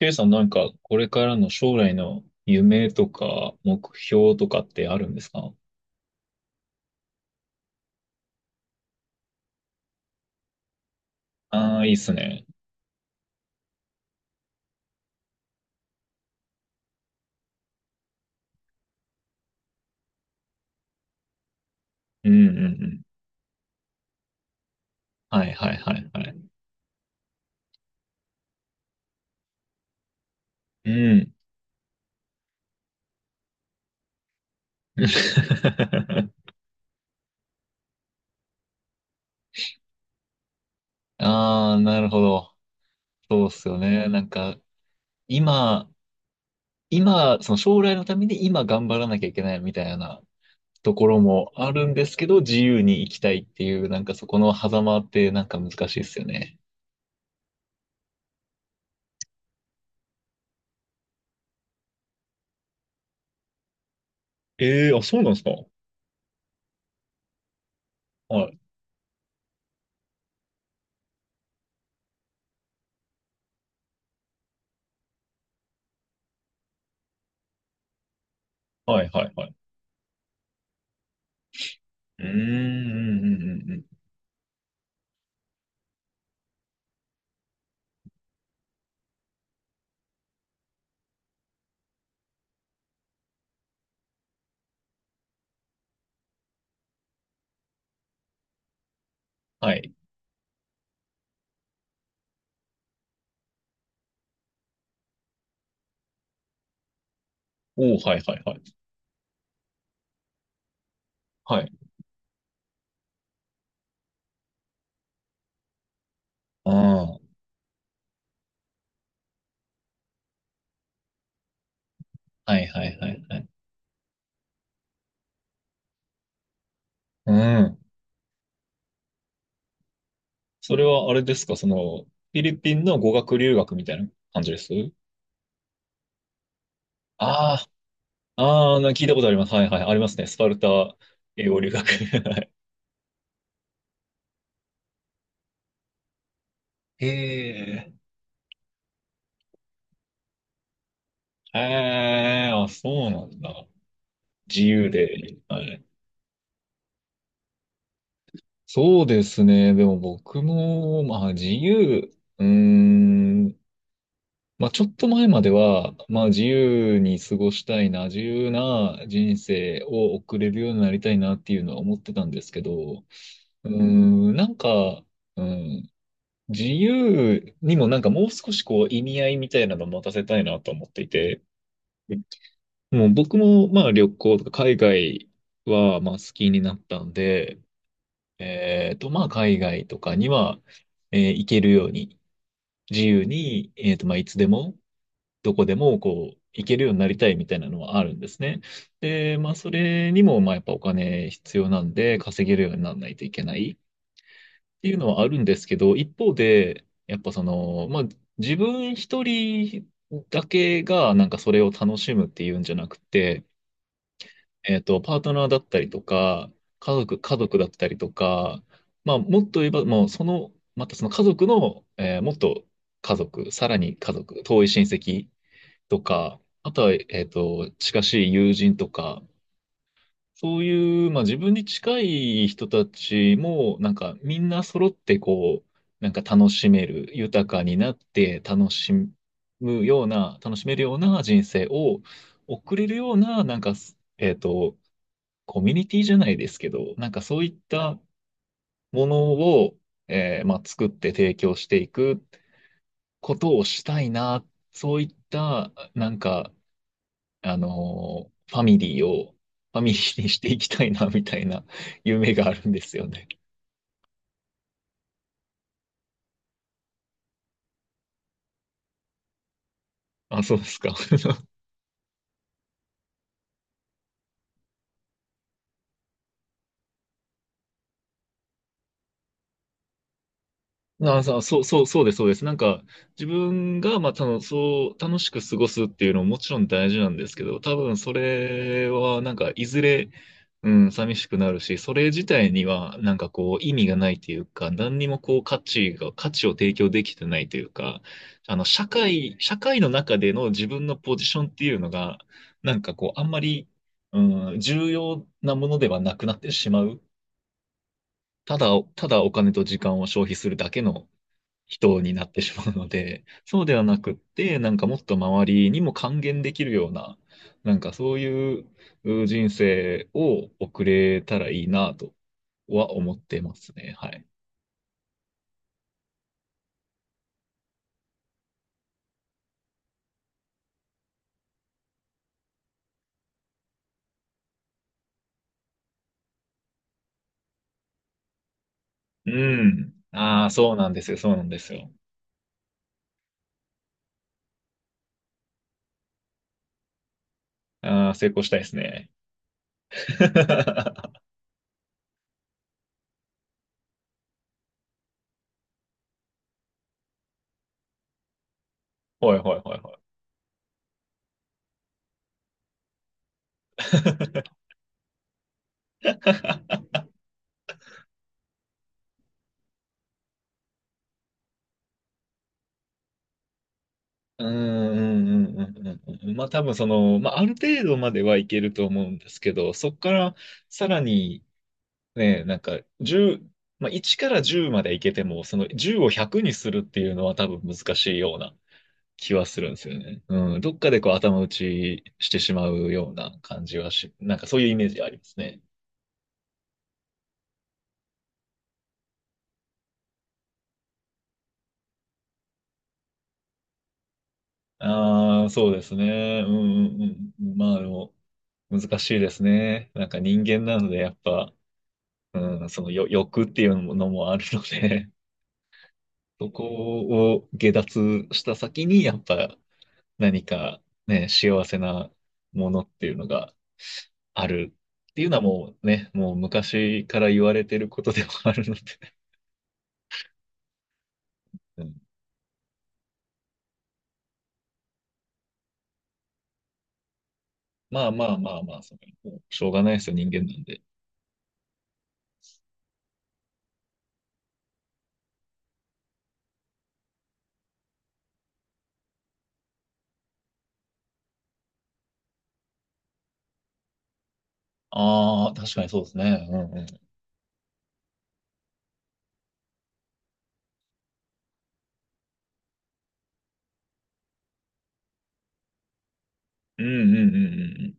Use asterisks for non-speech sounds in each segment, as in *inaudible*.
ケイさんなんか、これからの将来の夢とか目標とかってあるんですか？ああー、いいっすね。うんうんうん。はいはいはいはい。うん。*laughs* ああ、なるほど。そうっすよね。なんか、今、今、その将来のために今頑張らなきゃいけないみたいなところもあるんですけど、自由に生きたいっていう、なんかそこの狭間ってなんか難しいっすよね。ええーあ、そうなんですか。はい、はい、はい、はい。うーん、うん、うん、うん。はい。おお、はいはいはい。はい。ああ、はいはいはいはい。うん。それはあれですか、その、フィリピンの語学留学みたいな感じです？ああ、ああ、聞いたことあります。はいはい、ありますね。スパルタ英語留学。*laughs* はい。へえ、*laughs* へえ、あ、そうなんだ。自由で。はい。そうですね。でも僕も、まあ自由。うーん。まあ、ちょっと前までは、まあ、自由に過ごしたいな、自由な人生を送れるようになりたいなっていうのは思ってたんですけど、なんか、うん、自由にもなんかもう少しこう意味合いみたいなのを持たせたいなと思っていて、もう僕もまあ旅行とか海外はまあ好きになったんで、まあ海外とかには、行けるように、自由に、まあいつでもどこでもこう、行けるようになりたいみたいなのはあるんですね。で、まあ、それにも、まあ、やっぱお金必要なんで、稼げるようにならないといけないっていうのはあるんですけど、一方で、やっぱその、まあ、自分一人だけがなんかそれを楽しむっていうんじゃなくて、パートナーだったりとか、家族、家族だったりとか、まあ、もっと言えば、もうその、またその家族の、もっと家族、さらに家族、遠い親戚とか、あとは、近しい友人とか、そういう、まあ自分に近い人たちも、なんかみんな揃ってこう、なんか楽しめる、豊かになって楽しむような、楽しめるような人生を送れるような、なんか、えっと、コミュニティじゃないですけど、なんかそういったものを、まあ、作って提供していくことをしたいな、そういった、なんか、ファミリーを、ファミリーにしていきたいな、みたいな夢があるんですよね。あ、そうですか。*laughs* あ、そう、そう、そうそうです、そうです。なんか、自分が、まあ、そう、楽しく過ごすっていうのももちろん大事なんですけど、多分それは、なんか、いずれ、うん、寂しくなるし、それ自体には、なんかこう、意味がないというか、何にもこう、価値が、価値を提供できてないというか、社会の中での自分のポジションっていうのが、なんかこう、あんまり、うん、重要なものではなくなってしまう。ただ、ただお金と時間を消費するだけの、人になってしまうので、*laughs* そうではなくって、なんかもっと周りにも還元できるような、なんかそういうう人生を送れたらいいなとは思ってますね。はい。うん。ああ、そうなんですよ。そうなんですよ。ああ、成功したいですね。*laughs* ほいほいほいほい。*laughs* うんうんうんうんうんうん。まあ多分その、まあある程度まではいけると思うんですけど、そこからさらにね、なんか1まあ、1から10までいけても、その10を100にするっていうのは多分難しいような気はするんですよね。うん、どっかでこう頭打ちしてしまうような感じはし、なんかそういうイメージありますね。ああ、そうですね。うんうんうん。まあでも、難しいですね。なんか人間なのでやっぱ、うん、その欲っていうのもあるので、*laughs* そこを下脱した先にやっぱ何かね、幸せなものっていうのがあるっていうのはもうね、もう昔から言われてることでもあるので、*laughs* うんまあまあまあまあ、それもうしょうがないですよ、人間なんで。ああ、確かにそうですね。うんうん。うんうんうんうんうん。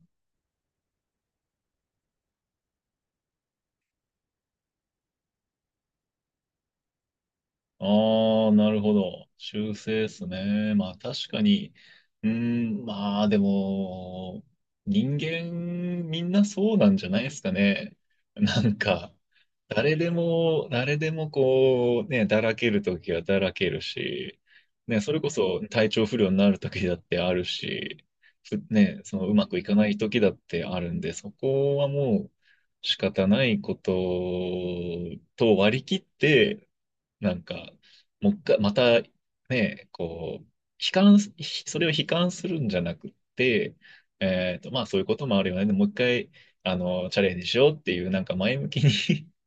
ああ、なるほど。修正ですね。まあ確かに、うーん、まあでも、人間みんなそうなんじゃないですかね。*laughs* なんか、誰でもこう、ね、だらけるときはだらけるし、ね、それこそ体調不良になるときだってあるし、ね、そのうまくいかないときだってあるんで、そこはもう仕方ないことと割り切って、なんか、もう一回、またね、こう、悲観それを悲観するんじゃなくて、まあそういうこともあるよね。でもう一回、チャレンジしようっていう、なんか前向きに *laughs*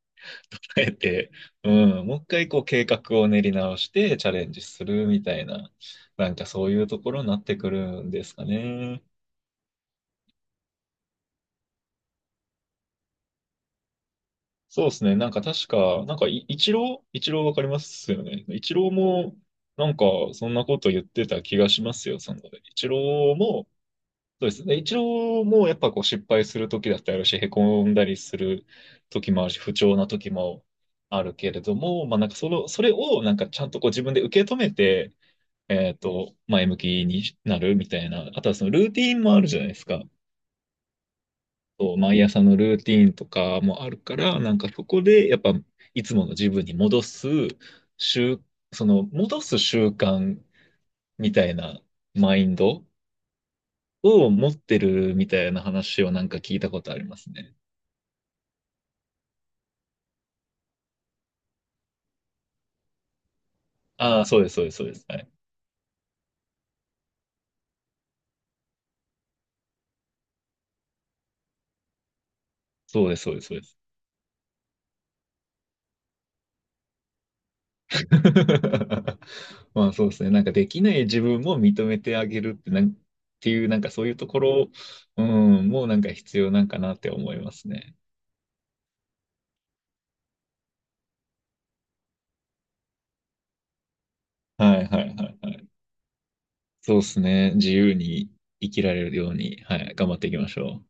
捉えて、うん、もう一回こう計画を練り直してチャレンジするみたいな、なんかそういうところになってくるんですかね。そうですね。なんか確か、なんかイチローわかりますよね。イチローも、なんか、そんなこと言ってた気がしますよ。その、イチローも、そうですね。イチローも、やっぱこう、失敗する時だってあるし、へこんだりする時もあるし、不調な時もあるけれども、まあなんか、その、それを、なんか、ちゃんとこう、自分で受け止めて、前向きになるみたいな。あとは、その、ルーティンもあるじゃないですか。そう毎朝のルーティーンとかもあるから、なんかそこでやっぱいつもの自分に戻す習、その戻す習慣みたいなマインドを持ってるみたいな話をなんか聞いたことありますね。ああ、そうです、そうです、そうです。はい。そうです、そうです、そうです。*laughs* まあそうですね。なんかできない自分も認めてあげるってっていうなんかそういうところ、うん、もうなんか必要なんかなって思いますね。はい、はい、はい。そうですね。自由に生きられるように、はい、頑張っていきましょう。